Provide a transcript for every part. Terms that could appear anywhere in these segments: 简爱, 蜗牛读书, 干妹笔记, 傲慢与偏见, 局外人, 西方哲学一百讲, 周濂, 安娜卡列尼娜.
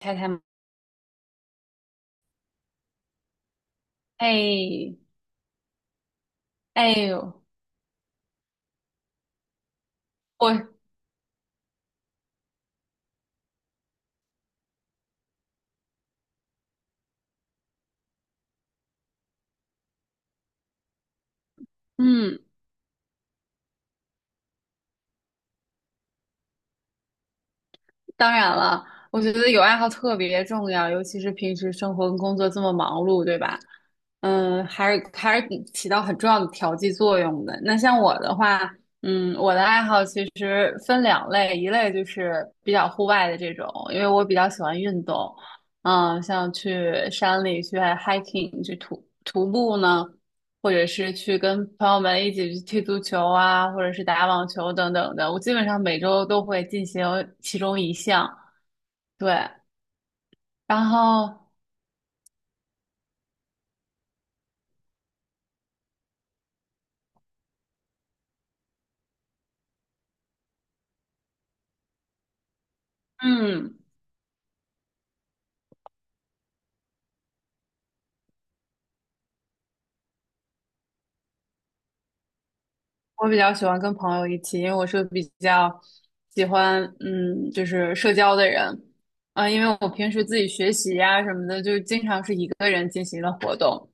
太太，嘛？哎。哎呦，我嗯，当然了，我觉得有爱好特别重要，尤其是平时生活跟工作这么忙碌，对吧？嗯，还是起到很重要的调剂作用的。那像我的话，嗯，我的爱好其实分两类，一类就是比较户外的这种，因为我比较喜欢运动，嗯，像去山里去 hiking 去徒步呢。或者是去跟朋友们一起去踢足球啊，或者是打网球等等的。我基本上每周都会进行其中一项。对，然后，嗯，我比较喜欢跟朋友一起，因为我是比较喜欢，就是社交的人。啊，因为我平时自己学习呀、什么的，就经常是一个人进行的活动，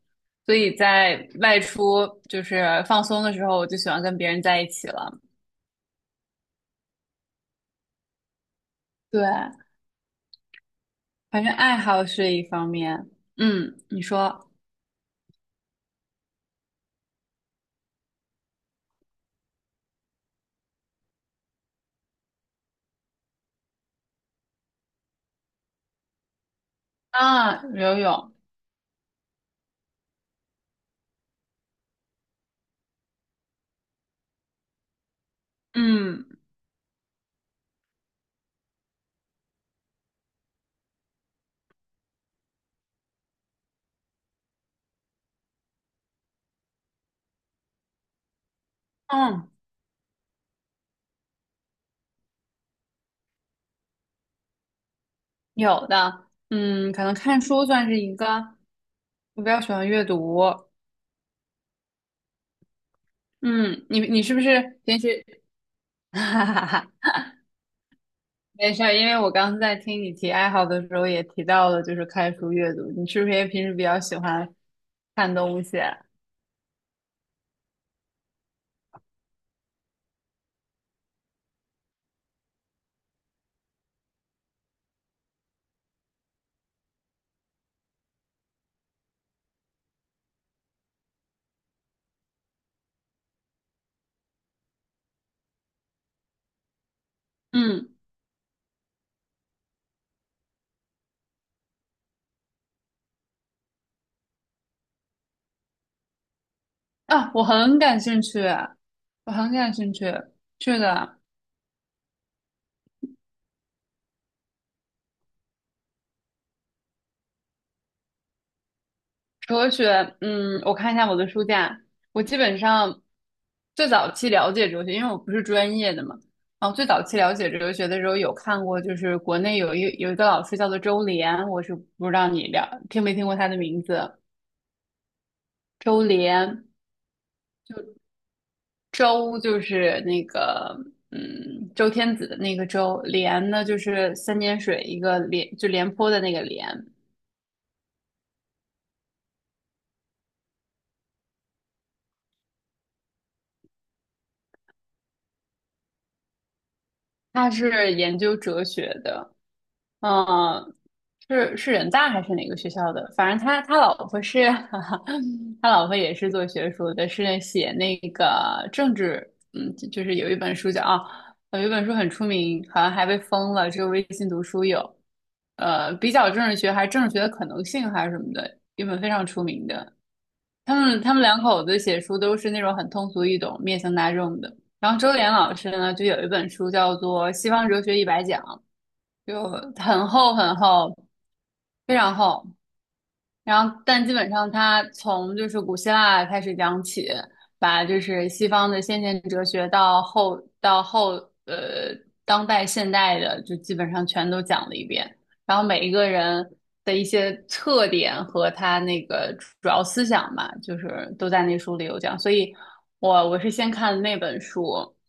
所以在外出就是放松的时候，我就喜欢跟别人在一起了。对，反正爱好是一方面。你说啊。游泳，嗯嗯，有的。嗯，可能看书算是一个，我比较喜欢阅读。嗯，你是不是平时，哈哈哈，没事儿，因为我刚在听你提爱好的时候也提到了，就是看书阅读，你是不是也平时比较喜欢看东西？嗯，啊，我很感兴趣啊，我很感兴趣，是的。哲学，我看一下我的书架。我基本上最早期了解哲学，因为我不是专业的嘛。然后最早期了解哲学的时候有看过，就是国内有一个老师叫做周濂，我是不知道你了听没听过他的名字。周濂。周就是那个，周天子的那个周；濂呢就是三点水一个廉，就廉颇的那个廉。他是研究哲学的。嗯，是人大还是哪个学校的？反正他老婆是，他老婆也是做学术的，是写那个政治。就是有一本书叫啊。有一本书很出名，好像还被封了，只有微信读书有，比较政治学还是政治学的可能性还是什么的，一本非常出名的。他们两口子写书都是那种很通俗易懂、面向大众的。然后周濂老师呢，就有一本书叫做《西方哲学一百讲》。就很厚很厚，非常厚。然后，但基本上它从就是古希腊开始讲起，把就是西方的先贤哲学到后呃当代现代的，就基本上全都讲了一遍。然后每一个人的一些特点和他那个主要思想吧，就是都在那书里有讲。所以我是先看那本书，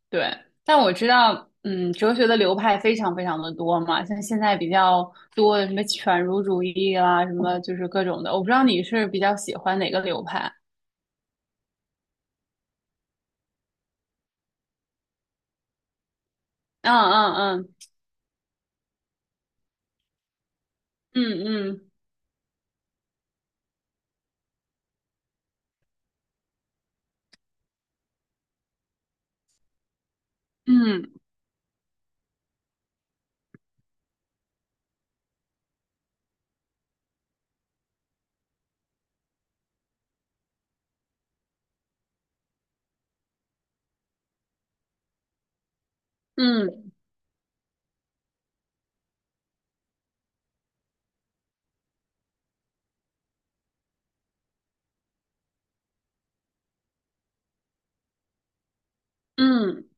对。但我知道，嗯，哲学的流派非常非常的多嘛，像现在比较多的什么犬儒主义啦，什么就是各种的。我不知道你是比较喜欢哪个流派？嗯嗯嗯嗯嗯嗯嗯嗯。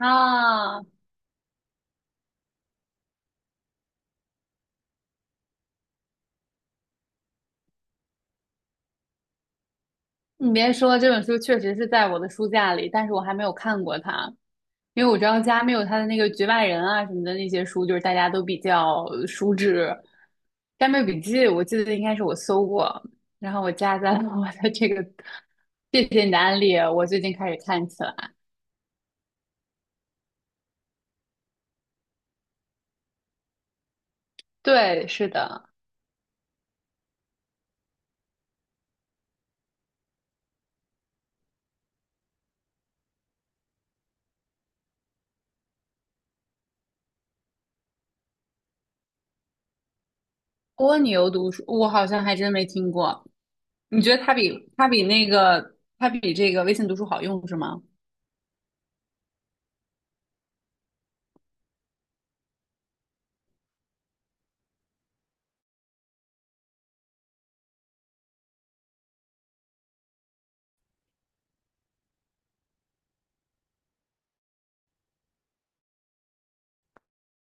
啊，你别说，这本书确实是在我的书架里，但是我还没有看过它，因为我知道家没有他的那个《局外人》啊什么的那些书，就是大家都比较熟知。《干妹笔记》我记得应该是我搜过，然后我加在了我的这个，谢谢你的安利，我最近开始看起来。对，是的。蜗牛读书，我好像还真没听过。你觉得它比这个微信读书好用是吗？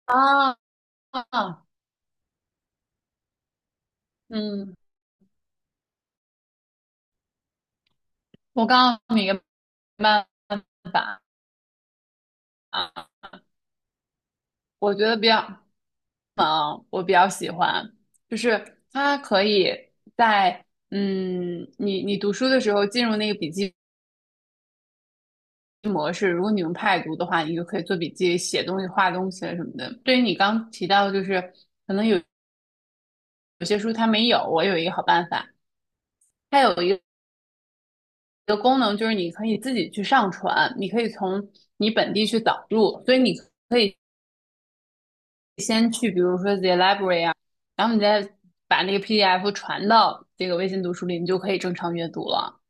啊啊，嗯，我刚刚明慢法啊。我觉得比较，我比较喜欢，就是它可以在，你读书的时候进入那个笔记模式。如果你用 Pad 读的话，你就可以做笔记、写东西、画东西什么的。对于你刚提到，就是有些书它没有，我有一个好办法，它有一个功能就是你可以自己去上传，你可以从你本地去导入，所以你。可以。先去，比如说 the library 啊，然后你再把那个 PDF 传到这个微信读书里，你就可以正常阅读了。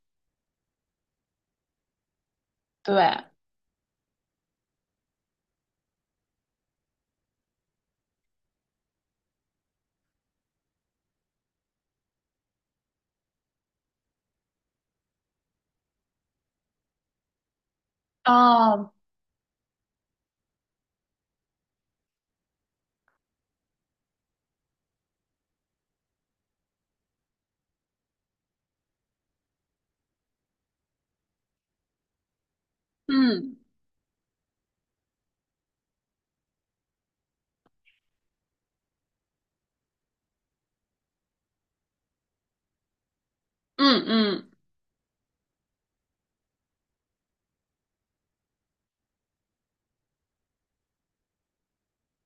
对，哦，嗯嗯嗯，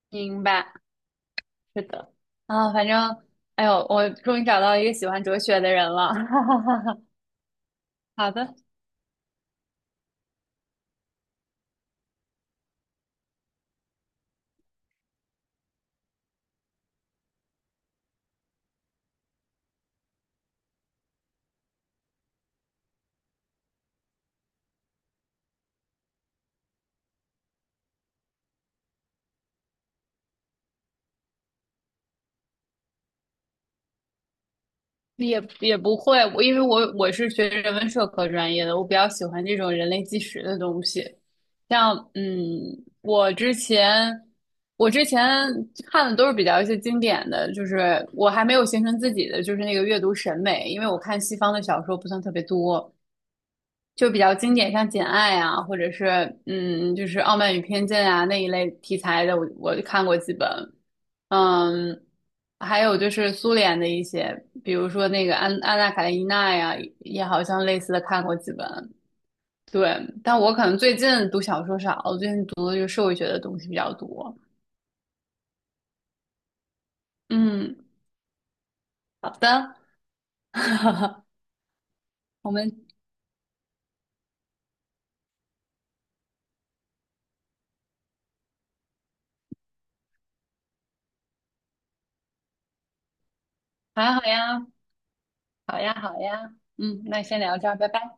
明白，是的。啊，反正，哎呦，我终于找到一个喜欢哲学的人了。哈哈哈哈。好的。也不会，我因为我是学人文社科专业的，我比较喜欢这种人类纪实的东西。像，嗯，我之前看的都是比较一些经典的，就是我还没有形成自己的就是那个阅读审美，因为我看西方的小说不算特别多，就比较经典，像《简爱》啊，或者是，嗯，就是《傲慢与偏见》啊那一类题材的，我我看过几本。嗯，还有就是苏联的一些，比如说那个安《安娜卡列尼娜》呀，也好像类似的看过几本。对，但我可能最近读小说少，我最近读的就是社会学的东西比较多。嗯，好的。我们还好呀，好呀，好呀。嗯，那先聊这儿，拜拜。